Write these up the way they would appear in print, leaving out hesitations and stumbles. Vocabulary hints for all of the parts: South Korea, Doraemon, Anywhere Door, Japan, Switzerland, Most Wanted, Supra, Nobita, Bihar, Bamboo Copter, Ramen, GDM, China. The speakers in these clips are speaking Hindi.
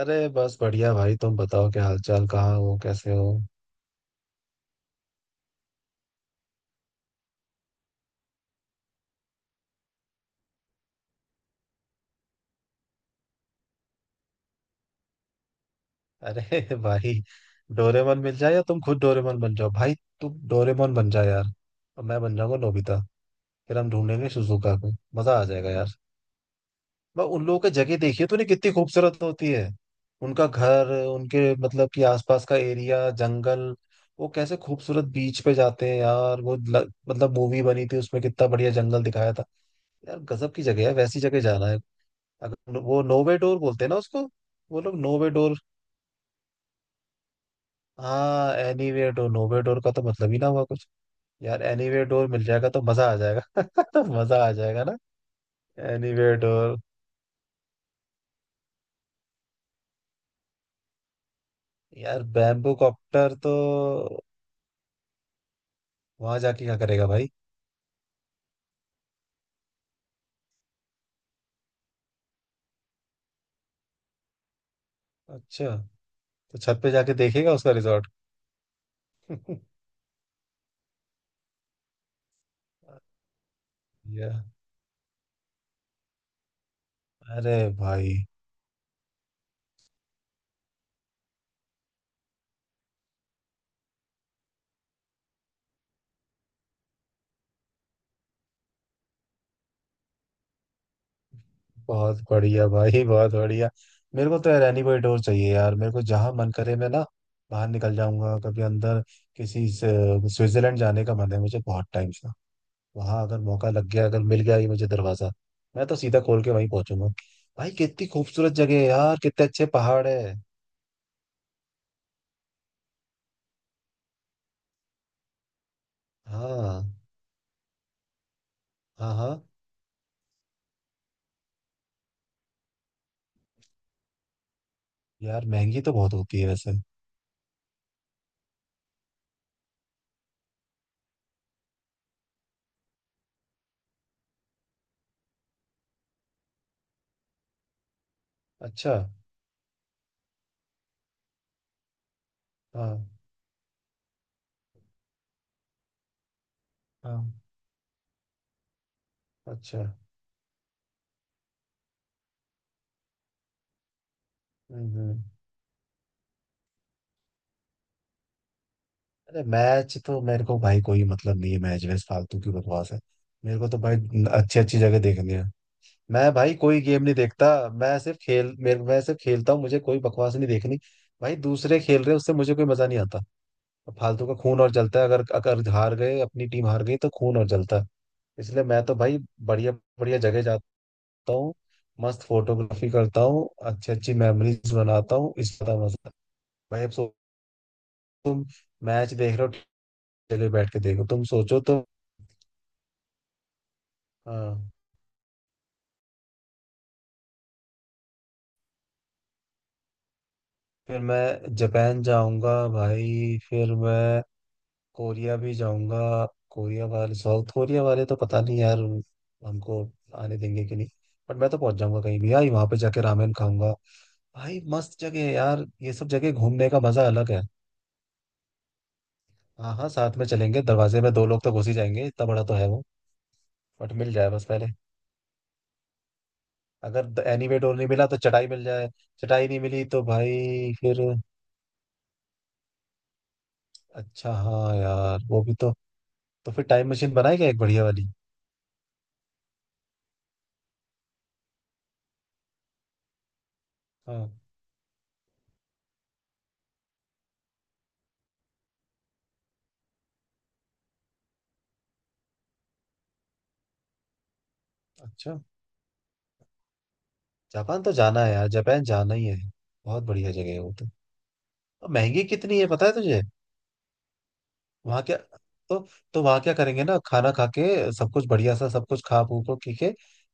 अरे बस बढ़िया भाई। तुम बताओ क्या हालचाल। कहाँ हो कैसे हो? अरे भाई। डोरेमोन मिल जाए या तुम खुद डोरेमोन बन जाओ भाई। तुम डोरेमोन बन जाओ यार। और मैं बन जाऊंगा नोबिता। फिर हम ढूंढेंगे सुजुका को। मजा आ जाएगा यार। मैं उन लोगों की जगह देखिए तूने कितनी खूबसूरत होती है। उनका घर उनके मतलब कि आसपास का एरिया जंगल। वो कैसे खूबसूरत बीच पे जाते हैं यार। वो मतलब मूवी बनी थी उसमें कितना बढ़िया जंगल दिखाया था। यार गजब की जगह है। वैसी जगह जाना है। अगर वो नोवे डोर बोलते हैं ना उसको। वो लोग नोवे डोर। हाँ एनीवेयर डोर। नोवे डोर का तो मतलब ही ना हुआ कुछ। यार एनीवेयर डोर मिल जाएगा तो मजा आ जाएगा मजा आ जाएगा ना। Anywhere door. यार बैम्बू कॉप्टर तो वहां जाके क्या करेगा भाई? अच्छा। तो छत पे जाके देखेगा उसका रिजॉर्ट। या अरे भाई। बहुत बढ़िया भाई बहुत बढ़िया। मेरे को तो यार एनी कोई डोर चाहिए यार। मेरे को जहां मन करे मैं ना बाहर निकल जाऊंगा कभी अंदर। स्विट्जरलैंड जाने का मन है मुझे बहुत टाइम से। वहां अगर मौका लग गया अगर मिल गया ये मुझे दरवाजा। मैं तो सीधा खोल के वहीं पहुंचूंगा। भाई कितनी खूबसूरत जगह है यार। कितने अच्छे पहाड़ है। हाँ। हाँ। हाँ। यार महंगी तो बहुत होती है वैसे। अच्छा। हाँ। हाँ। अच्छा। हम्म। हम्म। अरे मैच तो मेरे को भाई कोई मतलब नहीं है। मैच वैस फालतू की बकवास है। मेरे को तो भाई अच्छी अच्छी जगह देखनी है। मैं भाई कोई गेम नहीं देखता। मैं सिर्फ खेलता हूँ। मुझे कोई बकवास नहीं देखनी। भाई दूसरे खेल रहे हैं उससे मुझे कोई मजा नहीं आता। फालतू का खून और जलता है। अगर अगर हार गए अपनी टीम हार गई तो खून और जलता है। इसलिए मैं तो भाई बढ़िया बढ़िया जगह जाता हूँ। मस्त फोटोग्राफी करता हूँ। अच्छी अच्छी मेमोरीज बनाता हूँ। इसका मजा भाई अब सो। तुम मैच देख रहे हो। जगह बैठ के देखो तुम सोचो तो। हाँ। फिर मैं जापान जाऊंगा भाई। फिर मैं कोरिया भी जाऊंगा। कोरिया वाले साउथ कोरिया वाले तो पता नहीं यार। हमको आने देंगे कि नहीं। बट मैं तो पहुंच जाऊंगा कहीं भी भाई। वहां पे जाके रामेन खाऊंगा। भाई मस्त जगह है यार। ये सब जगह घूमने का मजा अलग है। हाँ हाँ साथ में चलेंगे। दरवाजे में दो लोग तो घुस ही जाएंगे। इतना बड़ा तो है वो। बट मिल जाए बस पहले। अगर एनीवे डोर नहीं मिला तो चटाई मिल जाए। चटाई नहीं मिली तो भाई फिर। अच्छा हाँ यार वो भी तो। तो फिर टाइम मशीन बनाए क्या एक बढ़िया वाली। हाँ। अच्छा। जापान तो जाना है यार। जापान जाना ही है। बहुत बढ़िया जगह है वो तो। और महंगी कितनी है पता है तुझे? वहाँ क्या? तो तो वहाँ क्या करेंगे ना खाना खा के। सब कुछ बढ़िया सा सब कुछ खा पू को पी के।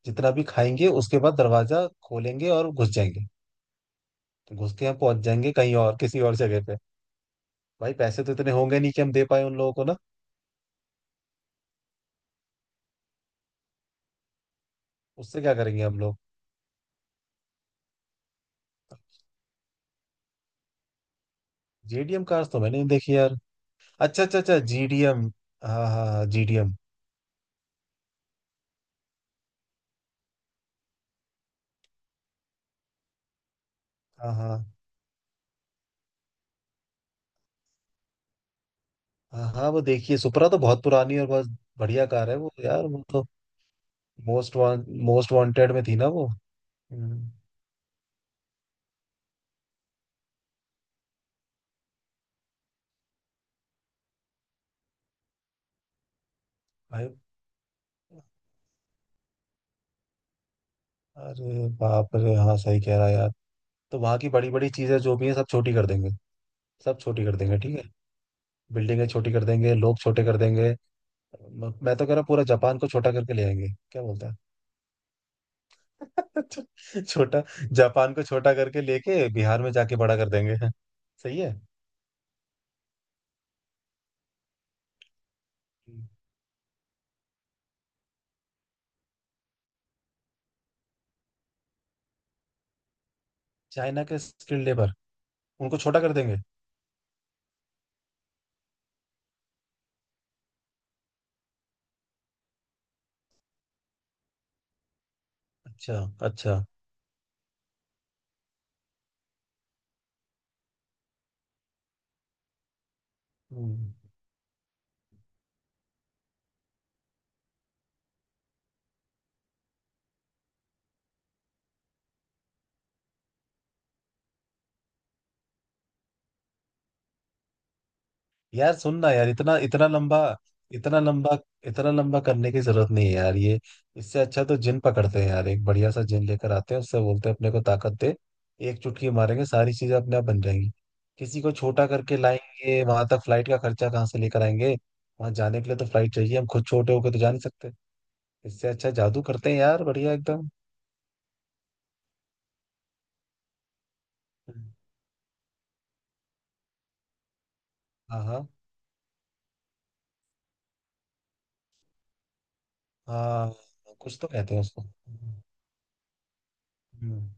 जितना भी खाएंगे उसके बाद दरवाजा खोलेंगे और घुस जाएंगे। तो घुस के हम पहुंच जाएंगे कहीं और किसी और जगह पे। भाई पैसे तो इतने होंगे नहीं कि हम दे पाए उन लोगों को ना। उससे क्या करेंगे हम लोग? जीडीएम कार्स तो मैंने नहीं देखी यार। अच्छा अच्छा अच्छा जीडीएम। हाँ हाँ जीडीएम। हाँ हाँ हाँ हाँ, वो देखिए सुपरा तो बहुत पुरानी और बहुत बढ़िया कार है वो यार वो तो। मोस्ट वांटेड में थी ना वो। हम्म, भाई अरे बाप रे। हाँ सही कह रहा है यार। तो वहाँ की बड़ी बड़ी चीजें जो भी हैं सब छोटी कर देंगे। सब छोटी कर देंगे ठीक है। बिल्डिंगें छोटी कर देंगे। लोग छोटे कर देंगे। मैं तो कह रहा हूँ पूरा जापान को छोटा करके ले आएंगे। क्या बोलता है छोटा। जापान को छोटा करके लेके बिहार में जाके बड़ा कर देंगे। सही है। चाइना के स्किल्ड लेबर। उनको छोटा कर देंगे। अच्छा अच्छा। हम्म। यार सुन ना यार इतना इतना लंबा इतना लंबा इतना लंबा करने की जरूरत नहीं है यार ये। इससे अच्छा तो जिन पकड़ते हैं यार एक बढ़िया सा जिन लेकर आते हैं उससे बोलते हैं अपने को ताकत दे। एक चुटकी मारेंगे सारी चीजें अपने आप बन जाएंगी। किसी को छोटा करके लाएंगे वहां तक फ्लाइट का खर्चा कहाँ से लेकर आएंगे। वहां जाने के लिए तो फ्लाइट चाहिए। हम खुद छोटे होके तो जा नहीं सकते। इससे अच्छा जादू करते हैं यार बढ़िया एकदम। हाँ। हाँ। हाँ। कुछ तो कहते हैं उसको। हम्म।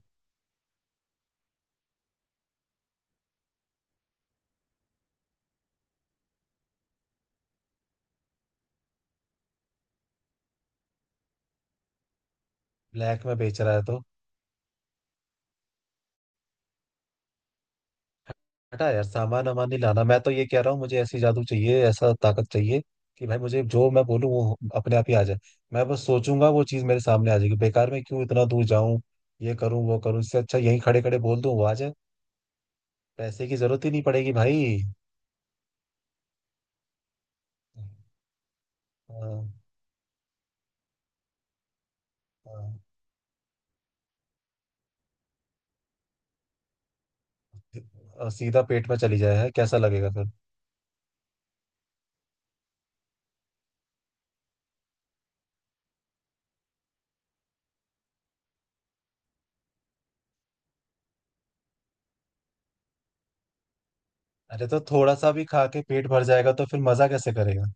ब्लैक में बेच रहा है तो। हटा यार सामान वामान नहीं लाना। मैं तो ये कह रहा हूँ मुझे ऐसी जादू चाहिए ऐसा ताकत चाहिए कि भाई मुझे जो मैं बोलूँ वो अपने आप ही आ जाए। मैं बस सोचूंगा वो चीज मेरे सामने आ जाएगी। बेकार में क्यों इतना दूर जाऊं। ये करूं वो करूं। इससे अच्छा यहीं खड़े खड़े बोल दूं वो आ जाए। पैसे की जरूरत ही नहीं पड़ेगी भाई। हाँ। हाँ। और सीधा पेट में चली जाए है कैसा लगेगा फिर? अरे तो थोड़ा सा भी खा के पेट भर जाएगा तो फिर मजा कैसे करेगा?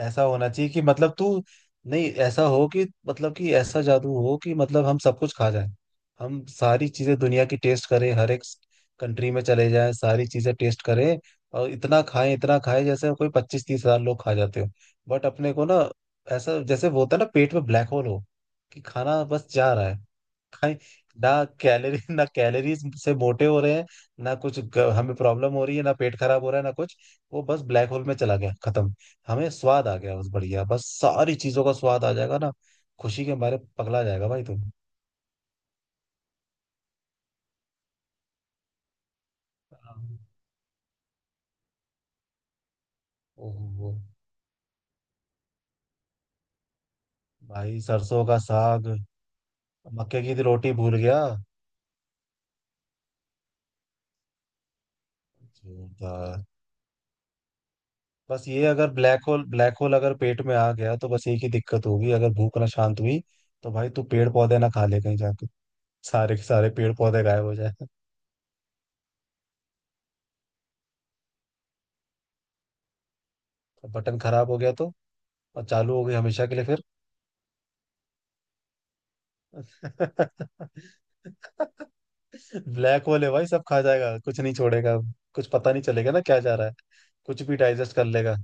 ऐसा होना चाहिए कि मतलब तू। नहीं ऐसा हो कि मतलब कि ऐसा जादू हो कि मतलब हम सब कुछ खा जाएं। हम सारी चीजें दुनिया की टेस्ट करें। हर एक कंट्री में चले जाएं। सारी चीजें टेस्ट करें। और इतना खाएं जैसे कोई 25-30 हजार लोग खा जाते हो। बट अपने को ना ऐसा जैसे वो होता है ना पेट में ब्लैक होल हो। कि खाना बस जा रहा है। खाएं ना कैलोरी ना कैलोरीज से मोटे हो रहे हैं। ना कुछ हमें प्रॉब्लम हो रही है ना पेट खराब हो रहा है ना कुछ। वो बस ब्लैक होल में चला गया खत्म। हमें स्वाद आ गया। बस बढ़िया। बस सारी चीजों का स्वाद आ जाएगा ना। खुशी के मारे पगला जाएगा भाई तुम। हाँ। ओहो भाई सरसों का साग। मक्के की रोटी भूल गया। जोरदार। बस ये अगर ब्लैक होल ब्लैक होल अगर पेट में आ गया तो बस एक ही दिक्कत होगी अगर भूख ना शांत हुई। तो भाई तू पेड़ पौधे ना खा ले कहीं जाके। सारे के सारे पेड़ पौधे गायब हो जाए। तो बटन खराब हो गया तो और चालू हो गई हमेशा के लिए फिर। ब्लैक होल है भाई सब खा जाएगा कुछ नहीं छोड़ेगा। कुछ पता नहीं चलेगा ना क्या जा रहा है। कुछ भी डाइजेस्ट कर लेगा।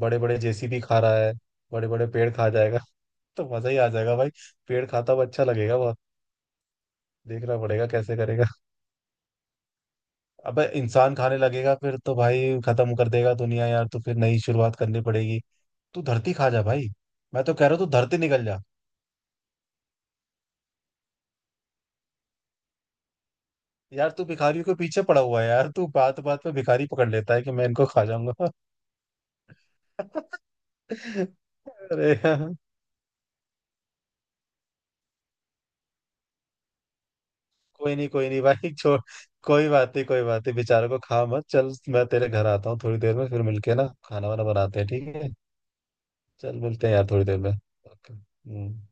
बड़े बड़े जेसीबी खा रहा है। बड़े बड़े पेड़ खा जाएगा तो मजा ही आ जाएगा भाई। पेड़ खाता हुआ अच्छा लगेगा बहुत। देखना पड़ेगा कैसे करेगा। अबे इंसान खाने लगेगा फिर तो भाई खत्म कर देगा दुनिया यार। तो फिर नई शुरुआत करनी पड़ेगी। तू धरती खा जा भाई। मैं तो कह रहा हूँ तू धरती निकल जा। यार तू भिखारियों के पीछे पड़ा हुआ है यार। तू बात बात पे भिखारी पकड़ लेता है कि मैं इनको खा जाऊंगा। अरे यार, कोई नहीं भाई छोड़। कोई बात नहीं कोई बात नहीं। बेचारों को खा मत। चल मैं तेरे घर आता हूँ थोड़ी देर में फिर मिलके ना खाना वाना बनाते हैं ठीक है। चल मिलते हैं यार थोड़ी देर में ओके हम्म।